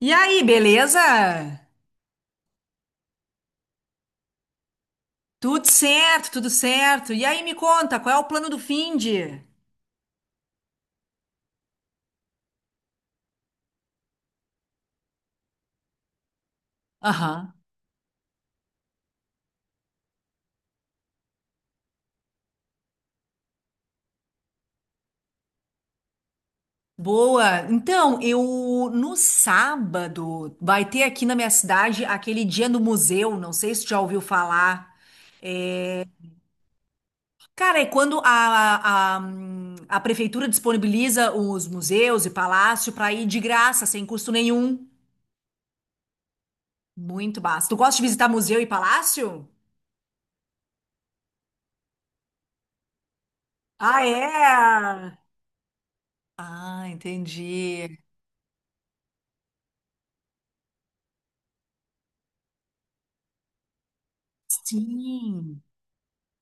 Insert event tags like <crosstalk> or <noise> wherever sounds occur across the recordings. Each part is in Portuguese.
E aí, beleza? Tudo certo, tudo certo. E aí, me conta, qual é o plano do finde? Aham. Boa. Então, eu no sábado vai ter aqui na minha cidade aquele dia no museu, não sei se tu já ouviu falar. É. Cara, é quando a prefeitura disponibiliza os museus e palácio para ir de graça, sem custo nenhum. Muito massa. Tu gosta de visitar museu e palácio? Ah, é? Ah, entendi. Sim.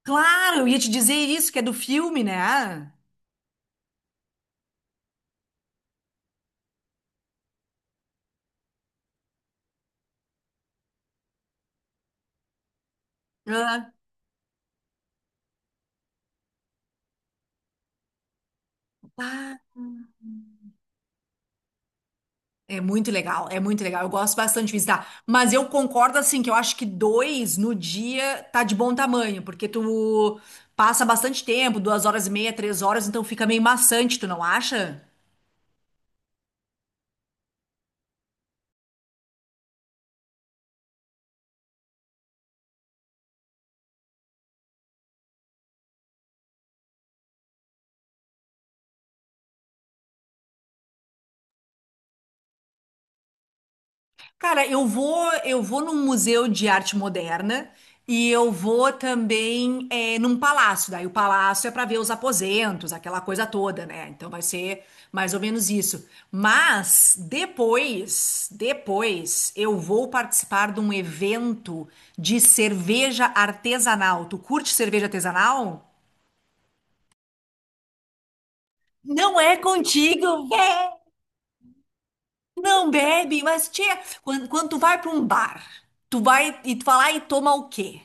Claro, eu ia te dizer isso, que é do filme, né? Ah, ah, é muito legal, é muito legal. Eu gosto bastante de visitar. Mas eu concordo, assim, que eu acho que dois no dia tá de bom tamanho, porque tu passa bastante tempo, duas horas e meia, 3 horas, então fica meio maçante, tu não acha? Cara, eu vou num museu de arte moderna e eu vou também num palácio. Daí o palácio é para ver os aposentos, aquela coisa toda, né? Então vai ser mais ou menos isso. Mas depois eu vou participar de um evento de cerveja artesanal. Tu curte cerveja artesanal? Não é contigo, véi! Não bebe, mas tia, quando tu vai para um bar, tu vai e tu vai lá e toma o quê?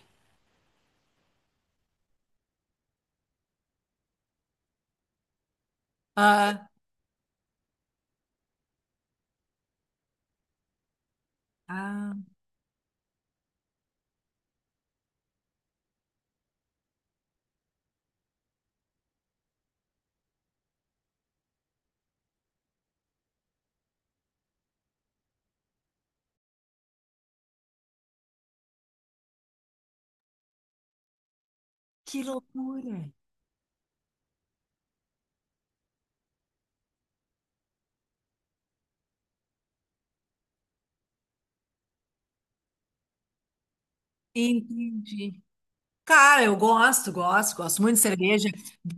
Ah, ah, que loucura. Entendi. Cara, eu gosto, gosto, gosto muito de cerveja,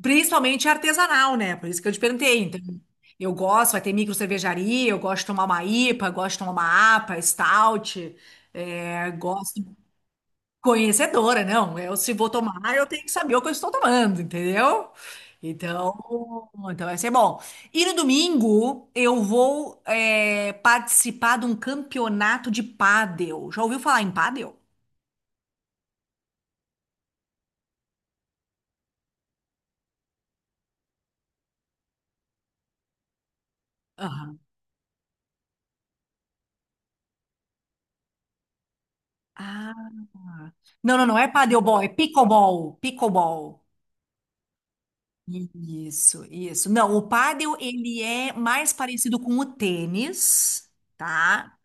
principalmente artesanal, né? Por isso que eu te perguntei. Então, eu gosto, vai ter micro cervejaria, eu gosto de tomar uma IPA, gosto de tomar uma APA, stout, é, gosto. Conhecedora, não. Eu, se vou tomar, eu tenho que saber o que eu estou tomando, entendeu? Então, então vai ser bom. E no domingo eu vou participar de um campeonato de pádel. Já ouviu falar em pádel? Aham. Ah. Não, não, não é padelbol, é pickleball, pickleball. Isso, isso. Não, o pádel ele é mais parecido com o tênis, tá?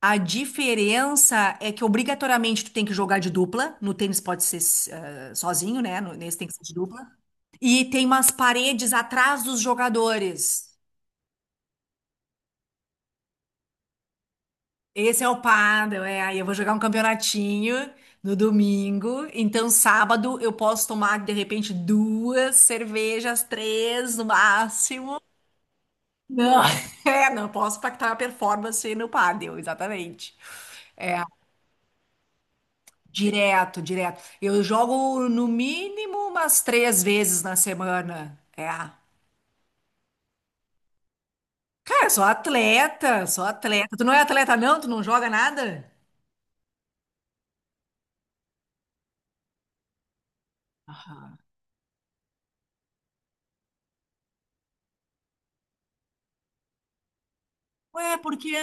A diferença é que obrigatoriamente tu tem que jogar de dupla. No tênis pode ser sozinho, né? Nesse tem que ser de dupla. E tem umas paredes atrás dos jogadores. Esse é o pádel, é. Aí eu vou jogar um campeonatinho no domingo. Então, sábado eu posso tomar, de repente, duas cervejas, três no máximo. Não, <laughs> é, não posso impactar a performance no pádel, exatamente. Direto, direto. Eu jogo no mínimo umas três vezes na semana. É. Cara, sou atleta, sou atleta. Tu não é atleta, não? Tu não joga nada? Aham. Ué, por quê?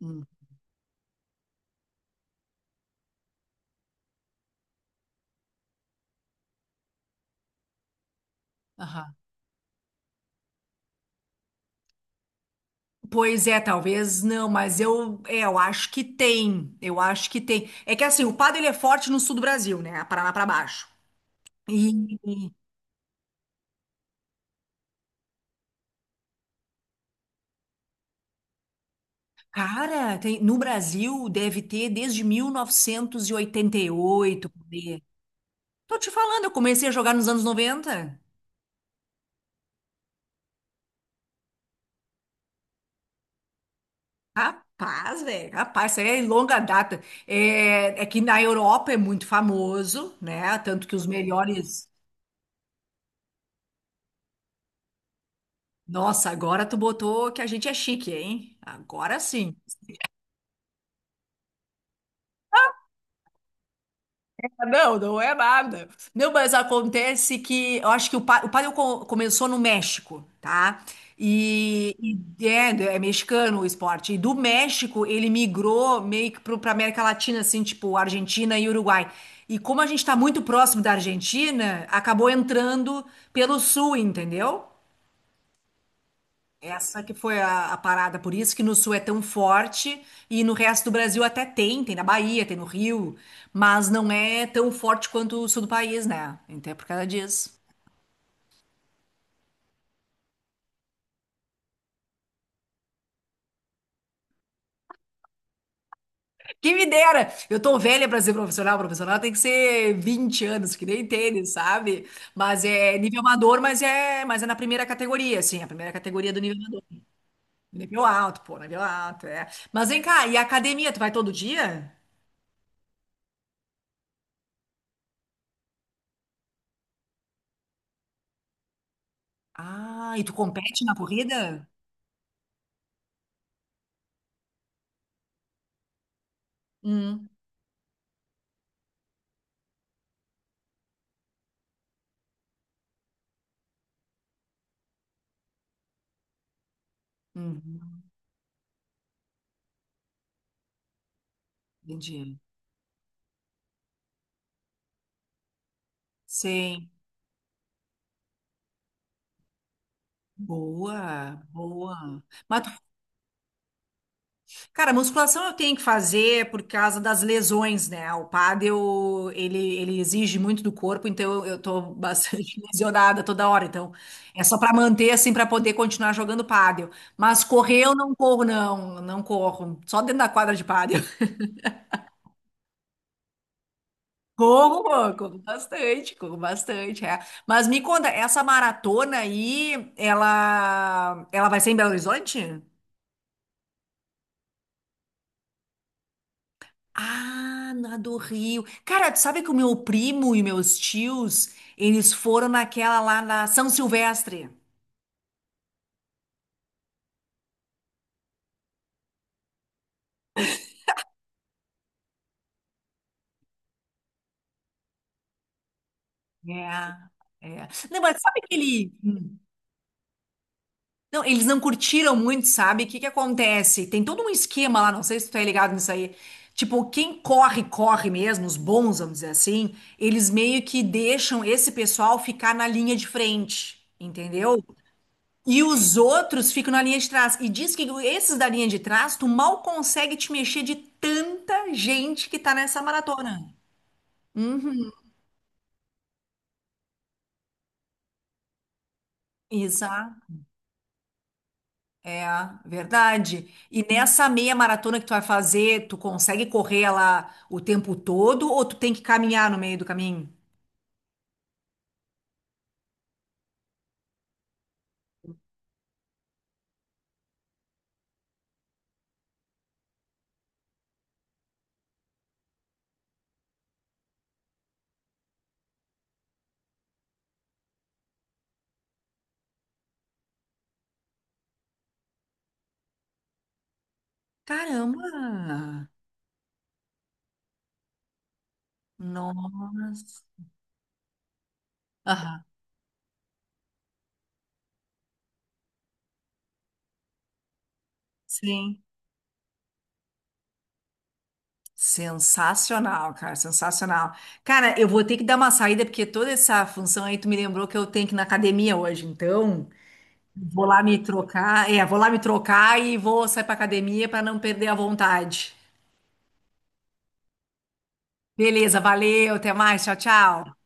Hum, aham. Pois é, talvez não, mas eu acho que tem. Eu acho que tem. É que assim, o pádel ele é forte no sul do Brasil, né? Paraná pra baixo. E, cara, no Brasil deve ter desde 1988, por aí. Tô te falando, eu comecei a jogar nos anos 90. Rapaz, velho, rapaz, isso aí é longa data. É que na Europa é muito famoso, né? Tanto que os melhores. Nossa, agora tu botou que a gente é chique, hein? Agora sim. Não, não é nada. Não, mas acontece que eu acho que o paddle começou no México, tá? E, e é mexicano o esporte. E do México ele migrou meio que pra América Latina, assim, tipo Argentina e Uruguai. E como a gente tá muito próximo da Argentina, acabou entrando pelo sul, entendeu? Essa que foi a parada, por isso que no sul é tão forte e no resto do Brasil até tem, tem na Bahia, tem no Rio, mas não é tão forte quanto o sul do país, né? Então é por causa disso. Que me dera! Eu tô velha pra ser profissional, profissional tem que ser 20 anos, que nem tênis, sabe? Mas é nível amador, mas é na primeira categoria, assim, a primeira categoria do nível amador. Nível alto, pô, nível alto, é. Mas vem cá, e a academia, tu vai todo dia? Ah, e tu compete na corrida? Hum. Uhum. Entendi. Sim. Boa, boa. Mas, cara, musculação eu tenho que fazer por causa das lesões, né? O pádel, ele exige muito do corpo, então eu tô bastante <laughs> lesionada toda hora. Então, é só pra manter, assim, pra poder continuar jogando pádel. Mas correr eu não corro, não. Não corro. Só dentro da quadra de pádel. <laughs> Corro, pô, corro bastante, é. Mas me conta, essa maratona aí, ela vai ser em Belo Horizonte? Ah, na do Rio. Cara, tu sabe que o meu primo e meus tios, eles foram naquela lá na São Silvestre. É, é. Não, mas sabe que ele.... Não, eles não curtiram muito, sabe? O que que acontece? Tem todo um esquema lá, não sei se tu tá ligado nisso aí. Tipo, quem corre, corre mesmo, os bons, vamos dizer assim, eles meio que deixam esse pessoal ficar na linha de frente, entendeu? E os outros ficam na linha de trás. E diz que esses da linha de trás, tu mal consegue te mexer de tanta gente que tá nessa maratona. Uhum, exato. É, verdade. E nessa meia maratona que tu vai fazer, tu consegue correr lá o tempo todo ou tu tem que caminhar no meio do caminho? Caramba! Nossa. Aham, sim. Sensacional. Cara, eu vou ter que dar uma saída porque toda essa função aí tu me lembrou que eu tenho que ir na academia hoje, então vou lá me trocar, é, vou lá me trocar e vou sair pra academia para não perder a vontade. Beleza, valeu, até mais, tchau, tchau.